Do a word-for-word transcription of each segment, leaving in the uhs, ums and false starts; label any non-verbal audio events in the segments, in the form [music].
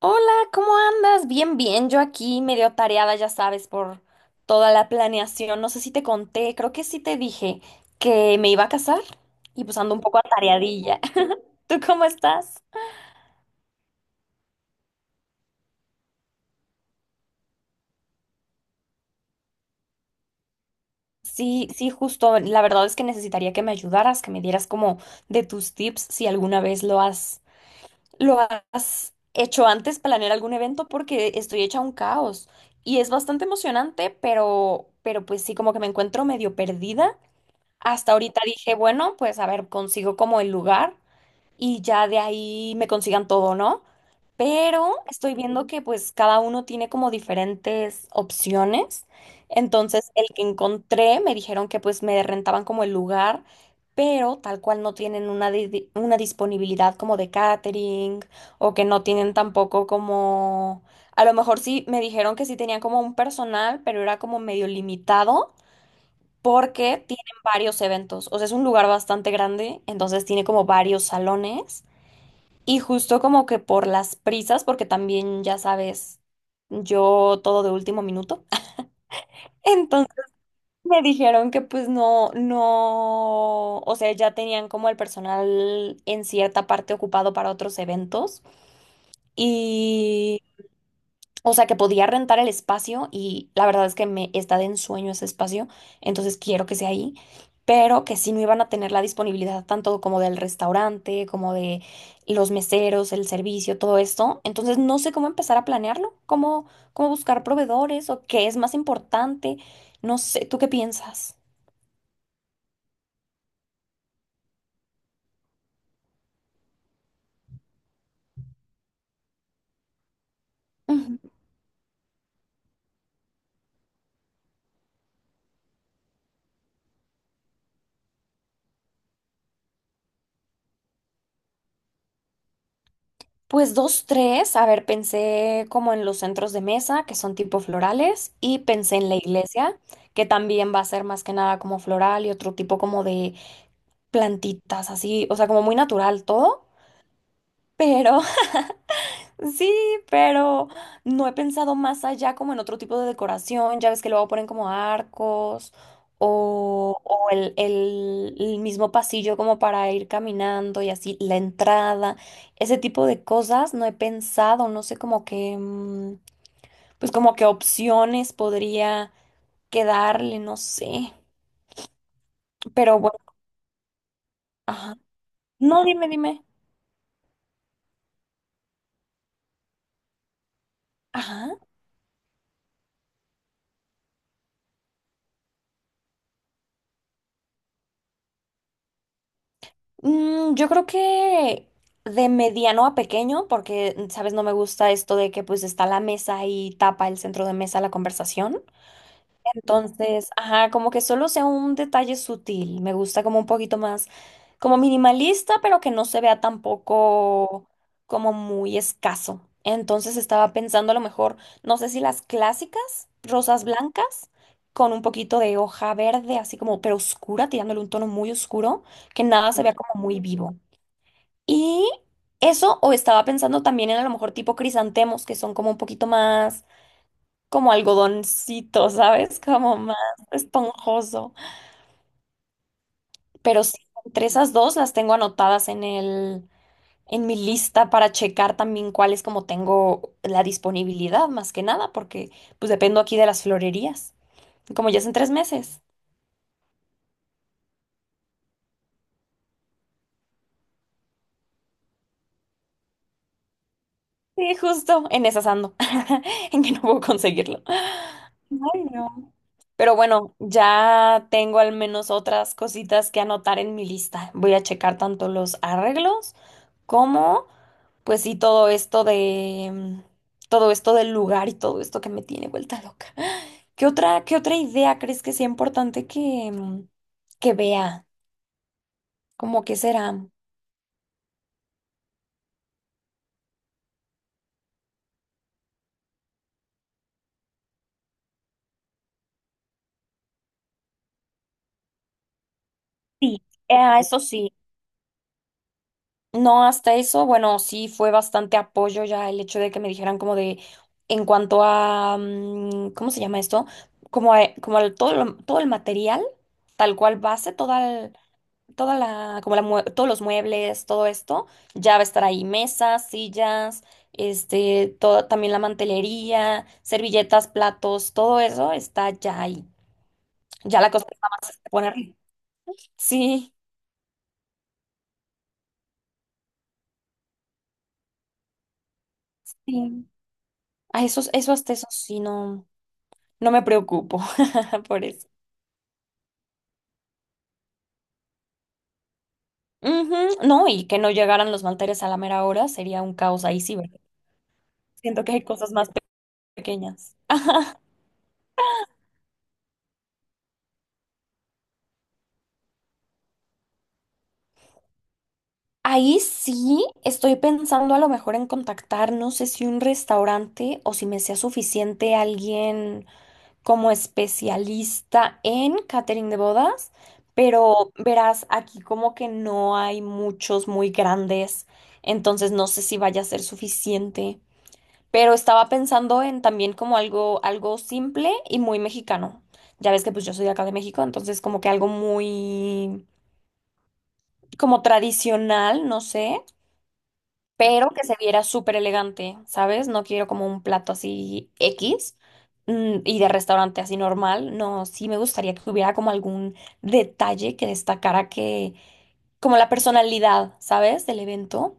Hola, ¿cómo andas? Bien, bien, yo aquí medio tareada, ya sabes, por toda la planeación. No sé si te conté, creo que sí te dije que me iba a casar y pues ando un poco atareadilla. [laughs] ¿Tú cómo estás? Sí, sí, justo. La verdad es que necesitaría que me ayudaras, que me dieras como de tus tips si alguna vez lo has, lo has hecho antes, planear algún evento, porque estoy hecha un caos. Y es bastante emocionante, pero, pero pues sí, como que me encuentro medio perdida. Hasta ahorita dije, bueno, pues a ver, consigo como el lugar y ya de ahí me consigan todo, ¿no? Pero estoy viendo que pues cada uno tiene como diferentes opciones. Entonces, el que encontré me dijeron que pues me rentaban como el lugar, pero tal cual no tienen una, di- una disponibilidad como de catering o que no tienen tampoco como... A lo mejor sí me dijeron que sí tenían como un personal, pero era como medio limitado porque tienen varios eventos. O sea, es un lugar bastante grande, entonces tiene como varios salones. Y justo como que por las prisas, porque también ya sabes, yo todo de último minuto. [laughs] Entonces me dijeron que pues no, no, o sea, ya tenían como el personal en cierta parte ocupado para otros eventos. Y o sea, que podía rentar el espacio y la verdad es que me está de ensueño ese espacio, entonces quiero que sea ahí, pero que sí no iban a tener la disponibilidad tanto como del restaurante, como de los meseros, el servicio, todo esto. Entonces no sé cómo empezar a planearlo, cómo, cómo buscar proveedores o qué es más importante. No sé, ¿tú qué piensas? Ujú. Pues dos, tres. A ver, pensé como en los centros de mesa, que son tipo florales, y pensé en la iglesia, que también va a ser más que nada como floral y otro tipo como de plantitas, así, o sea, como muy natural todo, pero sí, pero no he pensado más allá como en otro tipo de decoración. Ya ves que luego ponen como arcos o, o el, el- el mismo pasillo como para ir caminando y así la entrada. Ese tipo de cosas no he pensado, no sé como que, mm, pues como qué opciones podría quedarle, no sé. Pero bueno, ajá. No, dime, dime. Ajá. Mm, yo creo que de mediano a pequeño, porque, mm, sabes, no me gusta esto de que pues está la mesa y tapa el centro de mesa la conversación. Entonces, ajá, como que solo sea un detalle sutil. Me gusta como un poquito más, como minimalista, pero que no se vea tampoco como muy escaso. Entonces estaba pensando a lo mejor, no sé si las clásicas, rosas blancas, con un poquito de hoja verde, así como, pero oscura, tirándole un tono muy oscuro, que nada se vea como muy vivo. Y eso, o estaba pensando también en a lo mejor tipo crisantemos, que son como un poquito más como algodoncito, ¿sabes? Como más esponjoso. Pero sí, entre esas dos las tengo anotadas en el, en mi lista para checar también cuáles como tengo la disponibilidad, más que nada, porque pues dependo aquí de las florerías. Y como ya es en tres meses. Sí, justo, en esas ando, [laughs] en que no puedo conseguirlo. Ay, no. Pero bueno, ya tengo al menos otras cositas que anotar en mi lista. Voy a checar tanto los arreglos cómo, pues sí, todo esto de, mm, todo esto del lugar y todo esto que me tiene vuelta loca. [gasps] ¿Qué otra, qué otra idea crees que sea importante que, mm, que vea? ¿Cómo que será? Sí, ah, eso sí. No, hasta eso, bueno, sí fue bastante apoyo ya el hecho de que me dijeran como de, en cuanto a, mm, ¿cómo se llama esto? Como, a- como al- todo, lo- todo el material, tal cual base, toda toda la, como la mue- todos los muebles, todo esto, ya va a estar ahí mesas, sillas, este, todo, también la mantelería, servilletas, platos, todo eso está ya ahí. Ya la cosa es nada más poner. Sí, sí. A esos, eso hasta eso sí no, no me preocupo [laughs] por eso. Ujú. No, y que no llegaran los manteles a la mera hora sería un caos ahí sí, ¿verdad? Siento que hay cosas más pe- pequeñas. [laughs] Ahí sí estoy pensando a lo mejor en contactar, no sé si un restaurante o si me sea suficiente alguien como especialista en catering de bodas, pero verás, aquí como que no hay muchos muy grandes, entonces no sé si vaya a ser suficiente, pero estaba pensando en también como algo, algo simple y muy mexicano. Ya ves que pues yo soy de acá de México, entonces como que algo muy como tradicional, no sé. Pero que se viera súper elegante, ¿sabes? No quiero como un plato así X, mm, y de restaurante así normal. No, sí me gustaría que hubiera como algún detalle que destacara que, como la personalidad, ¿sabes? Del evento.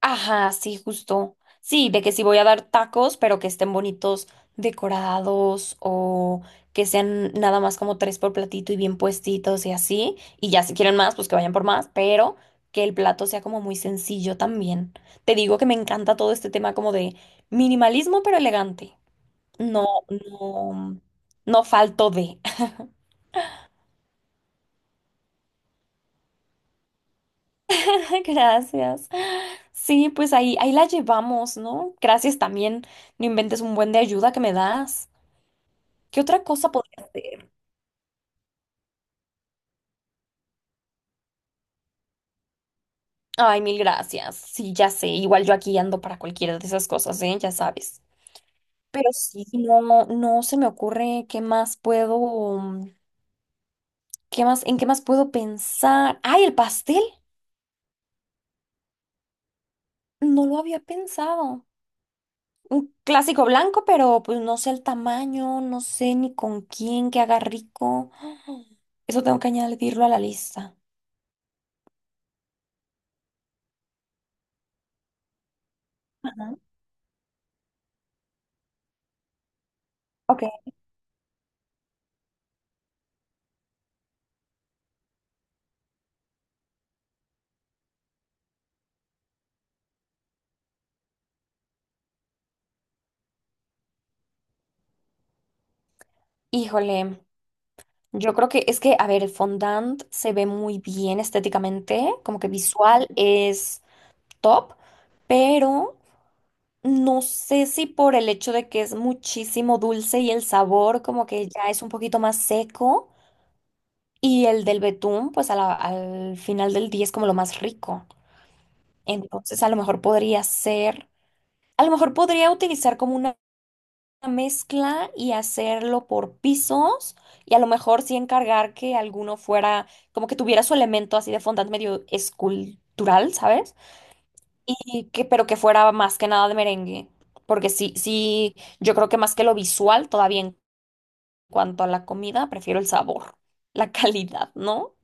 Ajá, sí, justo. Sí, de que si voy a dar tacos, pero que estén bonitos decorados o que sean nada más como tres por platito y bien puestitos y así. Y ya si quieren más, pues que vayan por más, pero que el plato sea como muy sencillo también. Te digo que me encanta todo este tema como de minimalismo, pero elegante. No, no, no falto de. [laughs] Gracias. Sí, pues ahí, ahí la llevamos, ¿no? Gracias también. No inventes un buen de ayuda que me das. ¿Qué otra cosa podría hacer? Ay, mil gracias. Sí, ya sé. Igual yo aquí ando para cualquiera de esas cosas, ¿eh? Ya sabes. Pero sí, no, no se me ocurre qué más puedo, qué más, en qué más puedo pensar. Ay, el pastel. No lo había pensado. Un clásico blanco, pero pues no sé el tamaño, no sé ni con quién que haga rico. [gasps] Eso tengo que añadirlo a la lista. Ajá. Ok. Híjole. Yo creo que es que, a ver, el fondant se ve muy bien estéticamente, como que visual es top, pero no sé si por el hecho de que es muchísimo dulce y el sabor como que ya es un poquito más seco y el del betún, pues a la- al final del día es como lo más rico. Entonces, a lo mejor podría ser, a lo mejor podría utilizar como una una mezcla y hacerlo por pisos y a lo mejor sí encargar que alguno fuera como que tuviera su elemento así de fondant medio escultural, ¿sabes? Y que pero que fuera más que nada de merengue, porque sí sí yo creo que más que lo visual todavía en cuanto a la comida prefiero el sabor, la calidad, ¿no?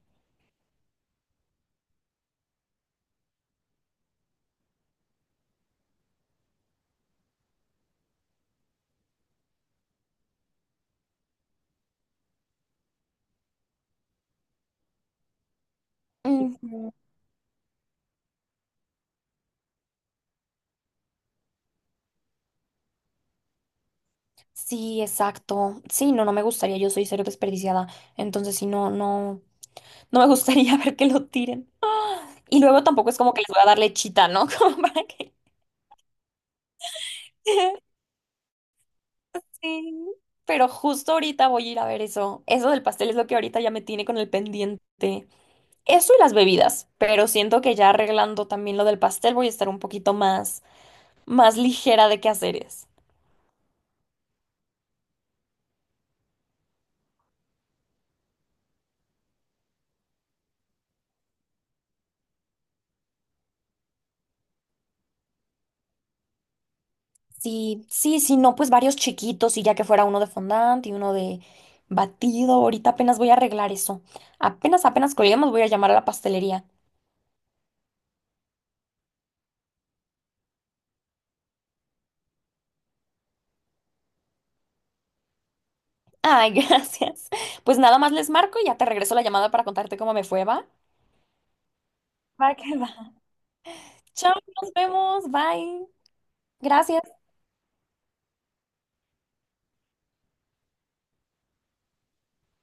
Ujú. Sí, exacto. Sí, no, no me gustaría. Yo soy cero desperdiciada. Entonces, sí, no, no, no me gustaría [laughs] ver que lo tiren. Y luego tampoco es como que les voy a dar lechita, ¿no? [laughs] Como para que... [laughs] Sí. Pero justo ahorita voy a ir a ver eso. Eso del pastel es lo que ahorita ya me tiene con el pendiente. Eso y las bebidas. Pero siento que ya arreglando también lo del pastel voy a estar un poquito más, más ligera de qué hacer. Sí, sí, sí, no, pues varios chiquitos y ya que fuera uno de fondant y uno de batido. Ahorita apenas voy a arreglar eso. Apenas, apenas colguemos voy a llamar a la pastelería. Ay, [laughs] gracias. Pues nada más les marco y ya te regreso la llamada para contarte cómo me fue, ¿va? Va que va. Chao, nos vemos. Bye. Gracias.